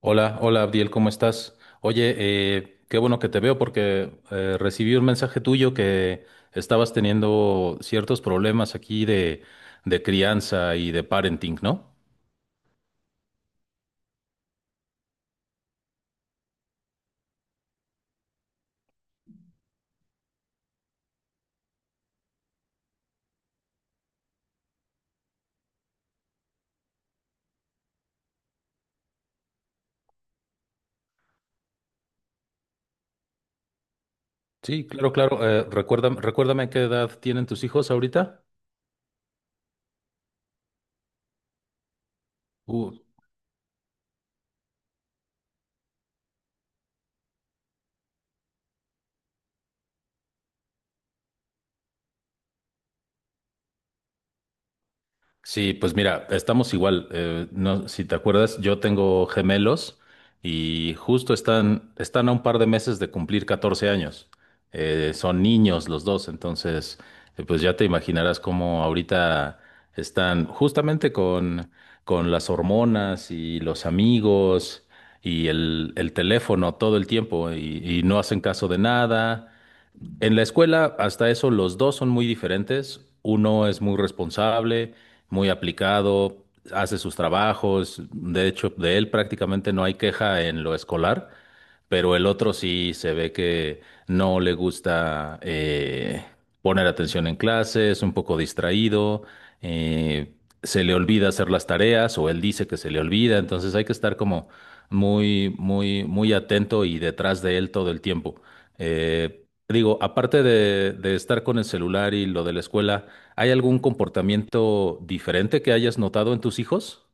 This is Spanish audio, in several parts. Hola, hola Abdiel, ¿cómo estás? Oye, qué bueno que te veo porque recibí un mensaje tuyo que estabas teniendo ciertos problemas aquí de crianza y de parenting, ¿no? Sí, claro, claro. Recuérdame qué edad tienen tus hijos ahorita. Sí, pues mira, estamos igual. No, si te acuerdas, yo tengo gemelos y justo están a un par de meses de cumplir 14 años. Son niños los dos, entonces, pues ya te imaginarás cómo ahorita están justamente con las hormonas y los amigos y el teléfono todo el tiempo y no hacen caso de nada. En la escuela, hasta eso, los dos son muy diferentes. Uno es muy responsable, muy aplicado, hace sus trabajos. De hecho, de él prácticamente no hay queja en lo escolar, pero el otro sí se ve que no le gusta poner atención en clase, es un poco distraído, eh, se le olvida hacer las tareas o él dice que se le olvida. Entonces hay que estar como muy, muy, muy atento y detrás de él todo el tiempo. Digo, aparte de estar con el celular y lo de la escuela, ¿hay algún comportamiento diferente que hayas notado en tus hijos?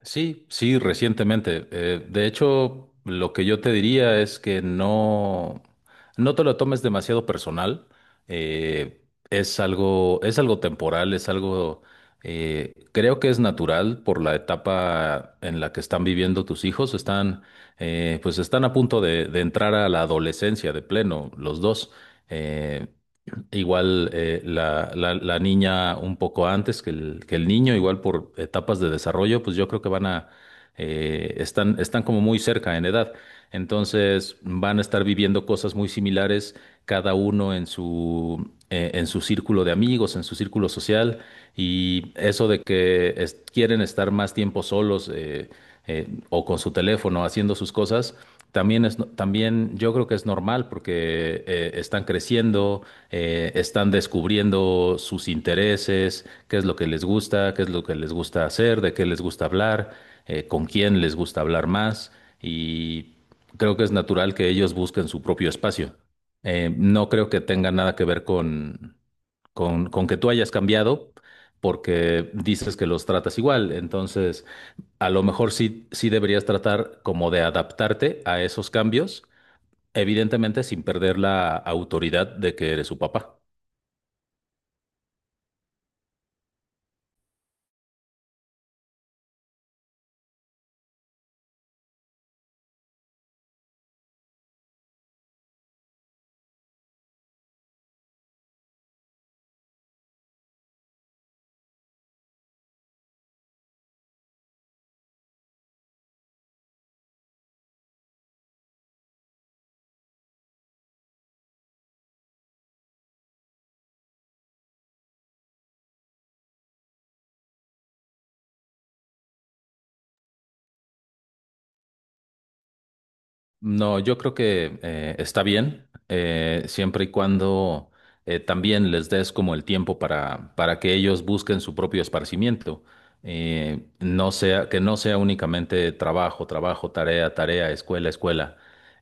Sí, sí, recientemente. De hecho, lo que yo te diría es que no te lo tomes demasiado personal. Es algo temporal, es algo, creo que es natural por la etapa en la que están viviendo tus hijos. Están, pues están a punto de entrar a la adolescencia de pleno, los dos. Eh, Igual la niña un poco antes que que el niño, igual por etapas de desarrollo, pues yo creo que están como muy cerca en edad. Entonces van a estar viviendo cosas muy similares, cada uno en en su círculo de amigos, en su círculo social, y eso de que quieren estar más tiempo solos, o con su teléfono haciendo sus cosas. También es, no- También yo creo que es normal porque están creciendo, están descubriendo sus intereses, qué es lo que les gusta, qué es lo que les gusta hacer, de qué les gusta hablar, con quién les gusta hablar más, y creo que es natural que ellos busquen su propio espacio. No creo que tenga nada que ver con que tú hayas cambiado, porque dices que los tratas igual. Entonces, a lo mejor sí, sí deberías tratar como de adaptarte a esos cambios, evidentemente sin perder la autoridad de que eres su papá. No, yo creo que está bien, siempre y cuando también les des como el tiempo para que ellos busquen su propio esparcimiento. Que no sea únicamente trabajo, trabajo, tarea, tarea, escuela, escuela.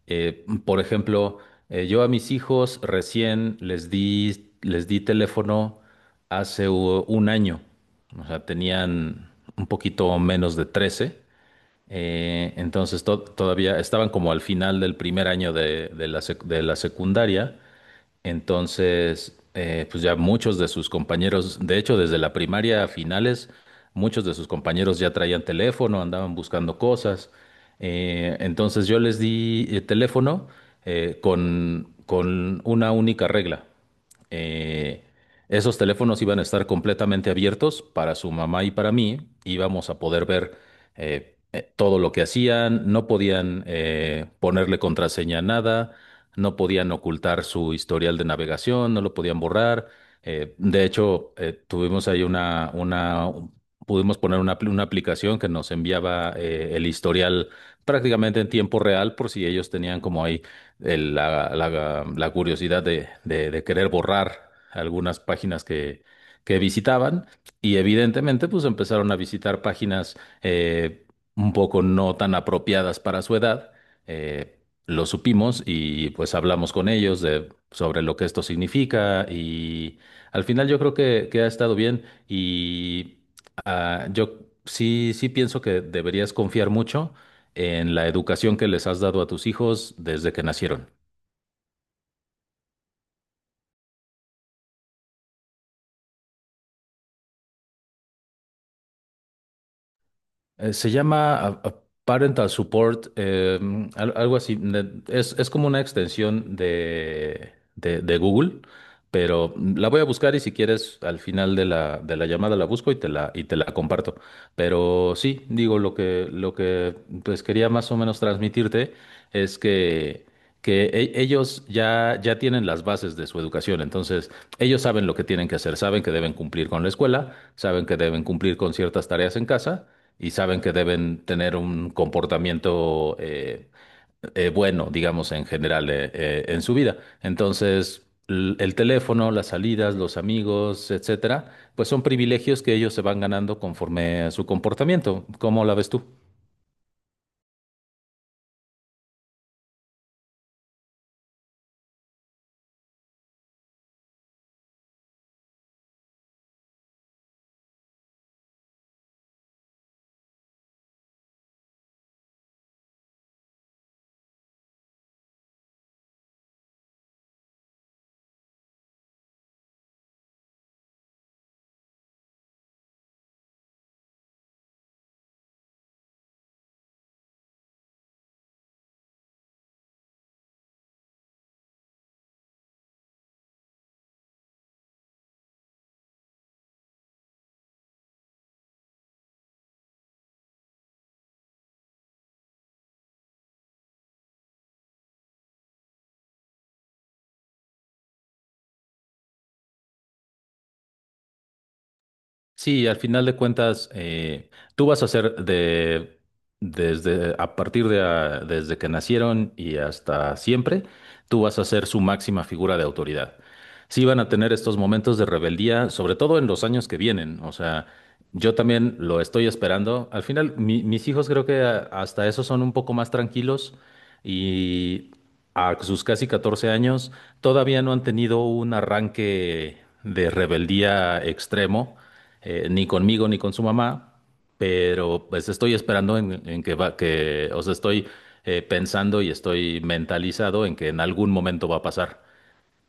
Por ejemplo, yo a mis hijos recién les di teléfono hace un año. O sea, tenían un poquito menos de trece, entonces todavía estaban como al final del primer año de la secundaria. Entonces, pues ya muchos de sus compañeros, de hecho, desde la primaria a finales, muchos de sus compañeros ya traían teléfono, andaban buscando cosas. Entonces yo les di, teléfono, con una única regla. Eh, Esos teléfonos iban a estar completamente abiertos para su mamá y para mí. Íbamos a poder ver todo lo que hacían, no podían ponerle contraseña a nada, no podían ocultar su historial de navegación, no lo podían borrar. De hecho, tuvimos ahí una, pudimos poner una aplicación que nos enviaba, el historial prácticamente en tiempo real, por si ellos tenían como ahí la curiosidad de querer borrar algunas que visitaban. Y evidentemente, pues empezaron a visitar páginas, un poco no tan apropiadas para su edad. eh, lo supimos y pues hablamos con ellos sobre lo que esto significa, y al final yo creo que ha estado bien. Yo sí, sí pienso que deberías confiar mucho en la educación que les has dado a tus hijos desde que nacieron. Se llama a Parental Support, algo así. Es como una extensión de Google, pero la voy a buscar y si quieres, al final de la llamada la busco y y te la comparto. Pero sí, digo, lo que pues quería más o menos transmitirte es que ya tienen las bases de su educación. Entonces ellos saben lo que tienen que hacer, saben que deben cumplir con la escuela, saben que deben cumplir con ciertas tareas en casa y saben que deben tener un comportamiento bueno, digamos, en general, en su vida. Entonces, el teléfono, las salidas, los amigos, etcétera, pues son privilegios que ellos se van ganando conforme a su comportamiento. ¿Cómo la ves tú? Sí, al final de cuentas, tú vas a ser de, desde, a partir de, ah, desde que nacieron y hasta siempre, tú vas a ser su máxima figura de autoridad. Sí van a tener estos momentos de rebeldía, sobre todo en los años que vienen. O sea, yo también lo estoy esperando. Al final, mis hijos creo que hasta eso son un poco más tranquilos, y a sus casi 14 años todavía no han tenido un arranque de rebeldía extremo, ni conmigo ni con su mamá. Pero pues estoy esperando en que va, que, o sea, estoy, pensando y estoy mentalizado en que en algún momento va a pasar.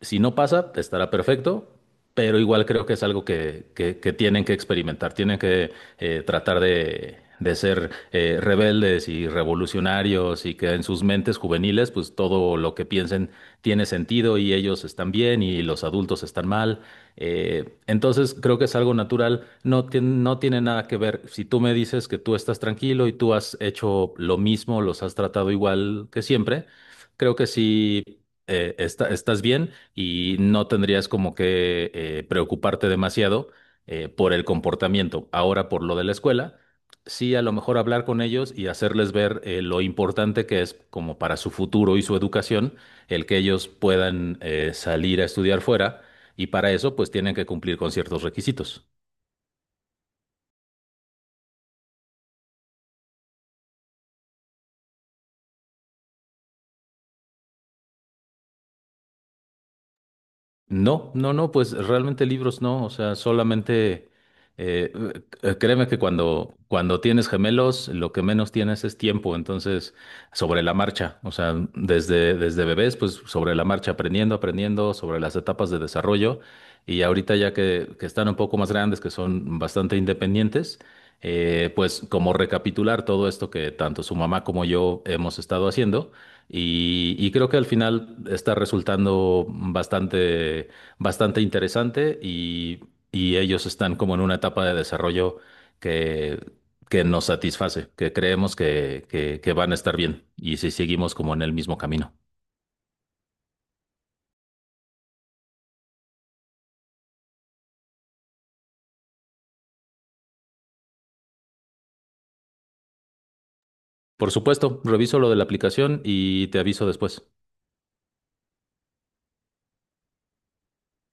Si no pasa, estará perfecto, pero igual creo que es algo que tienen que experimentar, tienen que de ser, rebeldes y revolucionarios, y que en sus mentes juveniles, pues todo lo que piensen tiene sentido y ellos están bien y los adultos están mal. Entonces creo que es algo natural. No tiene nada que ver. Si tú me dices que tú estás tranquilo y tú has hecho lo mismo, los has tratado igual que siempre, creo que sí, estás bien y no tendrías como que preocuparte demasiado, por el comportamiento. Ahora, por lo de la escuela, sí, a lo mejor hablar con ellos y hacerles ver, lo importante que es como para su futuro y su educación, el que ellos puedan salir a estudiar fuera, y para eso pues tienen que cumplir con ciertos requisitos. No, no, no, pues realmente libros no, o sea, solamente eh, créeme que cuando tienes gemelos, lo que menos tienes es tiempo. Entonces sobre la marcha, o sea, desde bebés, pues sobre la marcha, aprendiendo, aprendiendo sobre las etapas de desarrollo. Y ahorita ya que están un poco más grandes, que son bastante independientes, pues como recapitular todo esto que tanto su mamá como yo hemos estado haciendo, y creo que al final está resultando bastante, bastante interesante, y ellos están como en una etapa de desarrollo que, que nos satisface, que creemos que van a estar bien y si seguimos como en el mismo camino. Por supuesto, reviso lo de la aplicación y te aviso después.